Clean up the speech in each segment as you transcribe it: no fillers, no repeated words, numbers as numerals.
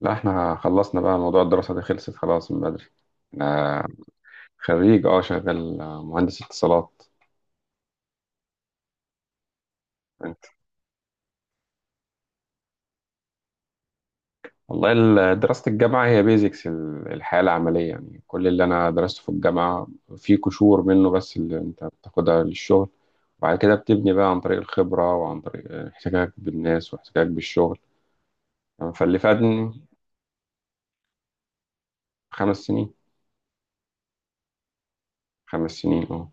لا، احنا خلصنا بقى موضوع الدراسة دي. خلصت خلاص من بدري. انا خريج، شغال، مهندس اتصالات. انت؟ والله، دراسة الجامعة هي بيزكس الحياة العملية. يعني كل اللي انا درسته في الجامعة في قشور منه بس اللي انت بتاخدها للشغل، وبعد كده بتبني بقى عن طريق الخبرة وعن طريق احتكاك بالناس واحتكاك بالشغل. فاللي فادني. 5 سنين. 5 سنين، اه.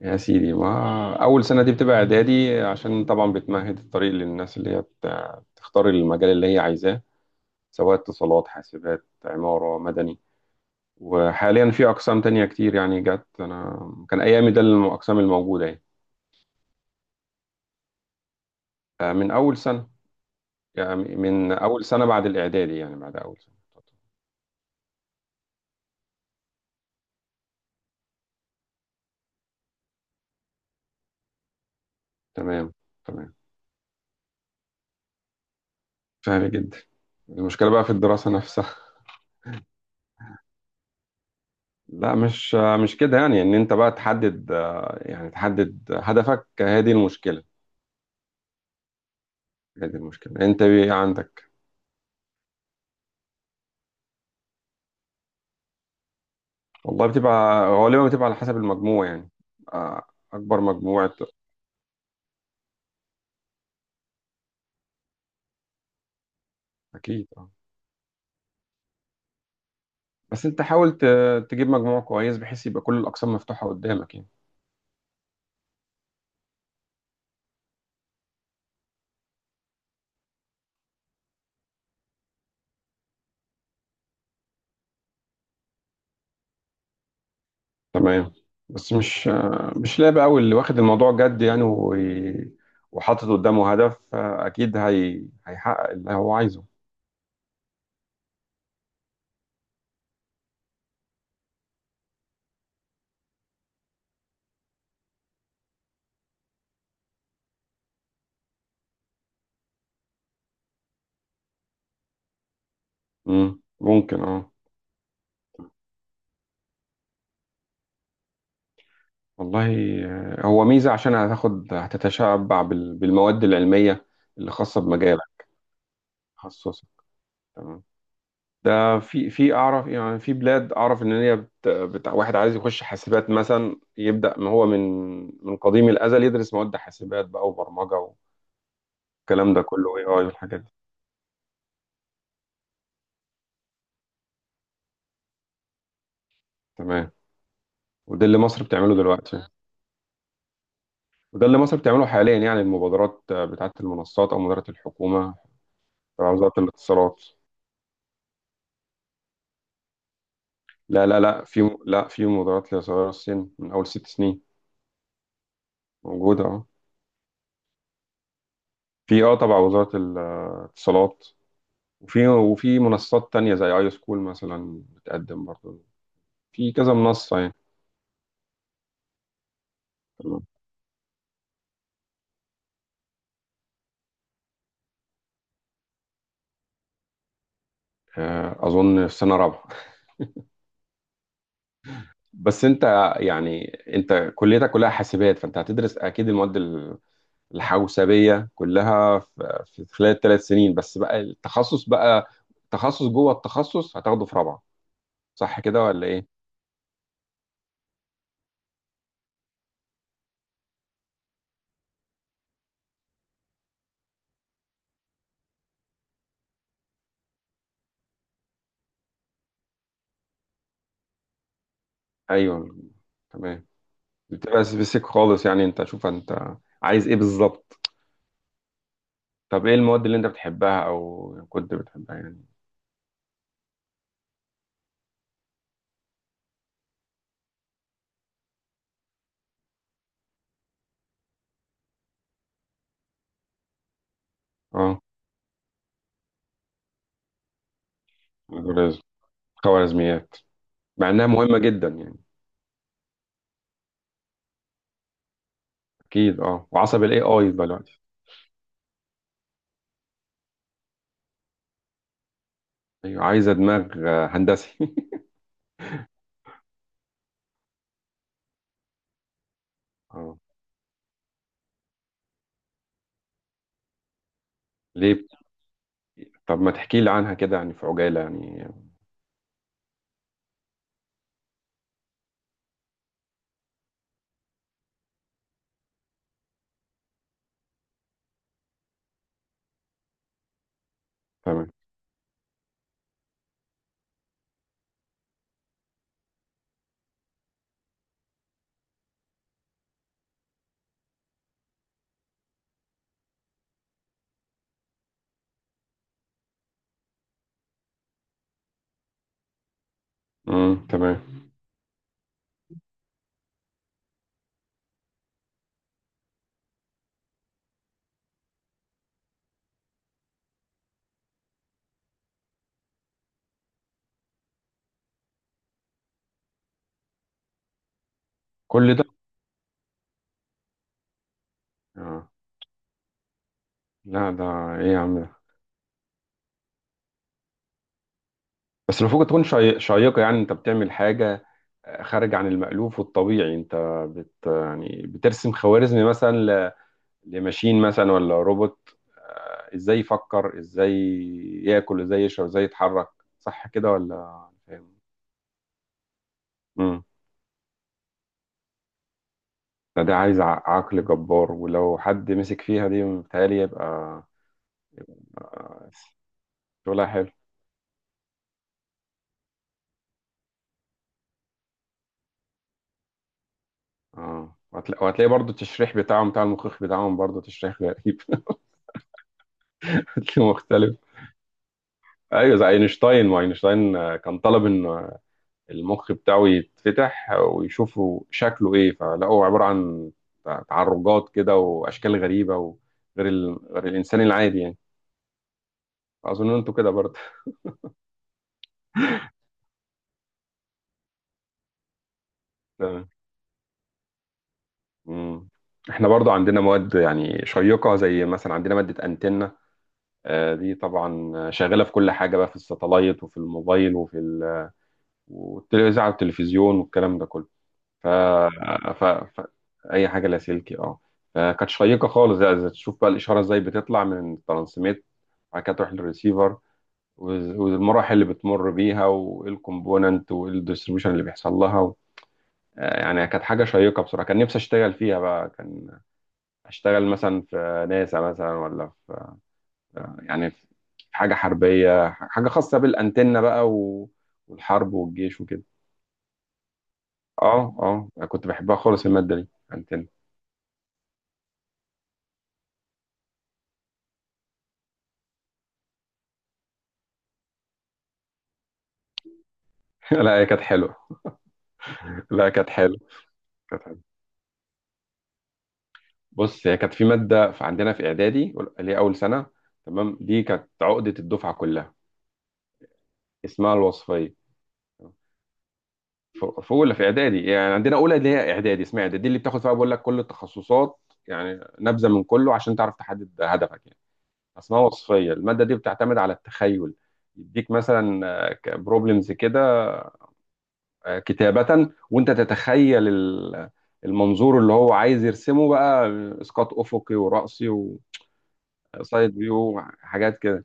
يا سيدي ما أول سنة دي بتبقى إعدادي، عشان طبعا بتمهد الطريق للناس اللي هي تختار المجال اللي هي عايزاه، سواء اتصالات، حاسبات، عمارة، مدني. وحاليا في أقسام تانية كتير يعني جت. أنا كان أيامي ده الأقسام الموجودة يعني. فمن أول سنة، يعني من أول سنة بعد الإعدادي، يعني بعد أول سنة. تمام، تمام. سهل جدا. المشكلة بقى في الدراسة نفسها. لا، مش كده، يعني إن أنت بقى تحدد، يعني تحدد هدفك، هذه المشكلة. هي دي المشكلة، انت ايه عندك؟ والله، بتبقى غالبا بتبقى على حسب المجموع يعني. آه، اكبر مجموع اكيد، اه. بس انت حاول تجيب مجموع كويس بحيث يبقى كل الاقسام مفتوحة قدامك يعني. تمام. بس مش، مش لاعب قوي اللي واخد الموضوع جد يعني، وحاطط قدامه هدف. اكيد هي هيحقق اللي هو عايزه. ممكن، اه. والله، هو ميزة عشان هتاخد، هتتشبع بالمواد العلمية اللي خاصة بمجالك. تخصصك، تمام. ده في اعرف، يعني في بلاد اعرف ان هي واحد عايز يخش حاسبات مثلا، يبدا ما هو من قديم الازل يدرس مواد حاسبات بقى وبرمجه، والكلام ده كله. اي اي والحاجات دي، تمام. وده اللي مصر بتعمله دلوقتي. وده اللي مصر بتعمله حاليا، يعني المبادرات بتاعه المنصات او مبادره الحكومه، تبع وزاره الاتصالات. لا لا لا، في، لا، في مبادرات لصغار السن من اول 6 سنين. موجوده، اه. في، تبع وزاره الاتصالات. وفي منصات تانية زي اي سكول مثلا بتقدم برضه. في كذا منصة يعني. تمام. اظن في سنة رابعة. بس انت يعني، انت كليتك كلها حاسبات، فانت هتدرس اكيد المواد الحوسبية كلها في خلال ال3 سنين، بس بقى التخصص بقى، تخصص جوه التخصص هتاخده في رابعة. صح كده ولا ايه؟ ايوه، تمام. بتبقى سبيسيك خالص، يعني انت شوف انت عايز ايه بالظبط. طب ايه المواد اللي انت بتحبها او كنت بتحبها يعني؟ اه. الجوريزم، خوارزميات. مع انها مهمه جدا يعني. اكيد، اه، وعصب الاي اي دلوقتي. ايوه، عايزه دماغ هندسي. اه، ليه؟ طب ما تحكي لي عنها كده يعني، في عجاله يعني. تمام. تمام. كل ده، اه. لا ده، ايه يا عم ده. بس المفروض تكون شيقه، يعني انت بتعمل حاجه خارج عن المألوف والطبيعي. انت يعني بترسم خوارزمي مثلا لماشين مثلا ولا روبوت، ازاي يفكر، ازاي ياكل، ازاي يشرب، ازاي يتحرك. صح كده ولا فاهم؟ امم فده عايز، عقل جبار، ولو حد مسك فيها دي متهيألي يبقى. آه، شغلها حلو. اه. وهتلاقي برضو التشريح بتاعهم، بتاع المخيخ بتاعهم، برضو تشريح غريب. هتلاقيه مختلف. ايوه، زي اينشتاين. ما اينشتاين، كان طالب ان المخ بتاعه يتفتح ويشوفوا شكله ايه، فلقوا عبارة عن تعرجات كده واشكال غريبة، وغير ال... غير الانسان العادي يعني. اظن انتوا كده برضه. تمام. مم. احنا برضه عندنا مواد يعني شيقة، زي مثلا عندنا مادة انتنة. دي طبعا شغالة في كل حاجة بقى، في الساتلايت، وفي الموبايل، وفي والتلفزيون والكلام ده كله. ف... ف... ف... اي حاجه لاسلكي، اه. فكانت شيقه خالص، زي، تشوف بقى الاشاره ازاي بتطلع من الترانسميت وبعد كده تروح للريسيفر، والمراحل اللي بتمر بيها، وايه الكومبوننت، وايه الديستريبيوشن اللي بيحصل لها، و... يعني كانت حاجه شيقه بصراحه. كان نفسي اشتغل فيها بقى، كان اشتغل مثلا في ناسا مثلا، ولا في، يعني في حاجه حربيه، حاجه خاصه بالانتنه بقى، و... والحرب والجيش وكده. اه، اه، كنت بحبها خالص الماده دي، انتنه. لا، هي كانت حلوه. لا، كانت حلوه. كانت حلوه. بص، هي كانت في ماده في عندنا في اعدادي، اللي هي اول سنه، تمام. دي كانت عقده الدفعه كلها. اسمها الوصفيه. في اولى، في اعدادي، يعني عندنا اولى اللي هي اعدادي، اسمها اعدادي، دي اللي بتاخد فيها بقول لك كل التخصصات، يعني نبذه من كله عشان تعرف تحدد هدفك يعني. اسمها وصفيه. الماده دي بتعتمد على التخيل. يديك مثلا بروبلمز كده، كتابه، وانت تتخيل المنظور اللي هو عايز يرسمه بقى، اسقاط افقي ورأسي، سايد فيو، حاجات كده.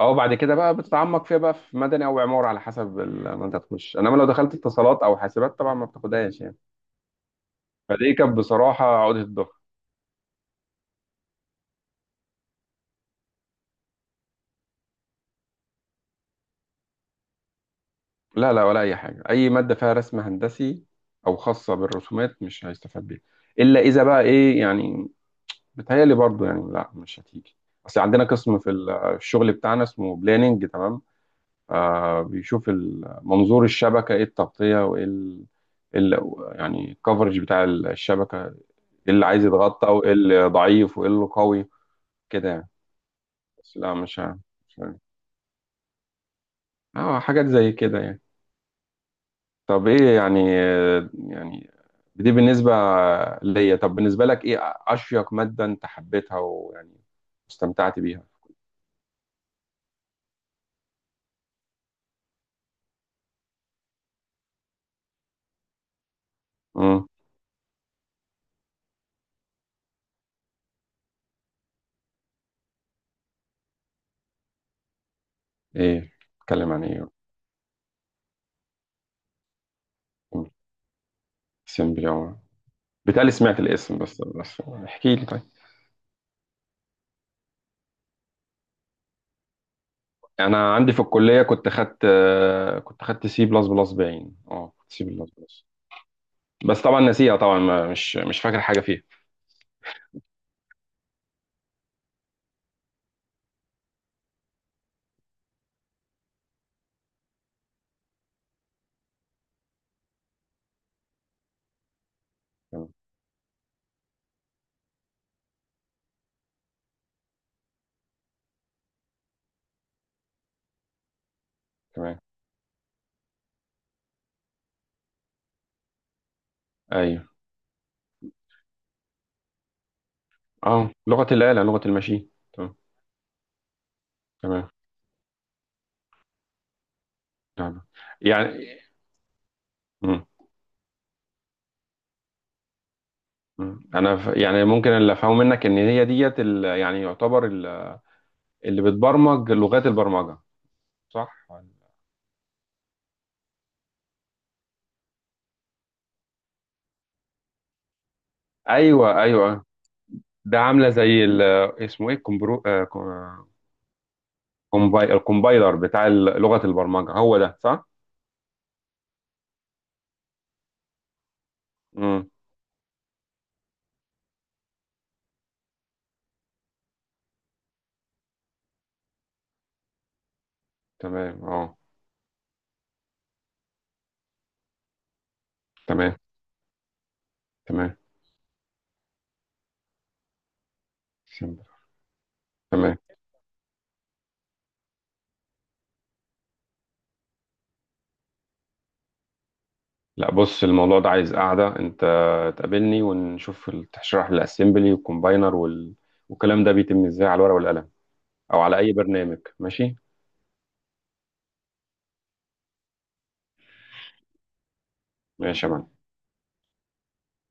اه، بعد كده بقى بتتعمق فيها بقى في مدني او عمارة على حسب ما انت تخش، انما لو دخلت اتصالات او حاسبات طبعا ما بتاخدهاش يعني. فدي كانت بصراحة عقدة الظهر. لا لا، ولا اي حاجة. اي مادة فيها رسم هندسي او خاصة بالرسومات مش هيستفاد بيها، الا اذا بقى ايه يعني. بتهيألي برضو يعني لا، مش هتيجي. اصل عندنا قسم في الشغل بتاعنا اسمه بلاننج، تمام. بيشوف منظور الشبكة، ايه التغطية، وايه إيه يعني الكفرج بتاع الشبكة، ايه اللي عايز يتغطى، وايه اللي ضعيف، وايه اللي قوي. كده يعني. بس لا، مش عارف. مش عارف. اه، حاجات زي كده يعني. طب ايه يعني، يعني دي بالنسبة ليا، طب بالنسبة لك ايه أشيق مادة انت حبيتها ويعني استمتعت بيها؟ امم ايه؟ اتكلم عن ايه؟ اسم باليوم. بتالي سمعت الاسم، بس، احكي لي طيب. انا عندي في الكليه كنت خدت، C++، باين كنت C++، بس طبعا ناسيها طبعا، مش فاكر حاجه فيها. تمام، تمام. ايوه، اه. لغه الاله، لغه الماشين، تمام. تمام، تمام، يعني. مم. مم. انا يعني ممكن اللي افهمه منك ان هي ديت يعني يعتبر اللي بتبرمج لغات البرمجه، صح؟ ايوه، ايوه. ده عامله زي اسمه ايه، كومباي، الكومبايلر بتاع لغه البرمجه، هو ده صح؟ مم. تمام، اه. تمام، تمام. سيمبل. تمام. لا بص، الموضوع ده عايز قاعدة. انت تقابلني ونشوف، تشرح لي الاسمبلي والكومباينر وال... والكلام ده بيتم ازاي على الورقة والقلم، او على اي برنامج. ماشي. ماشي. يا معلم.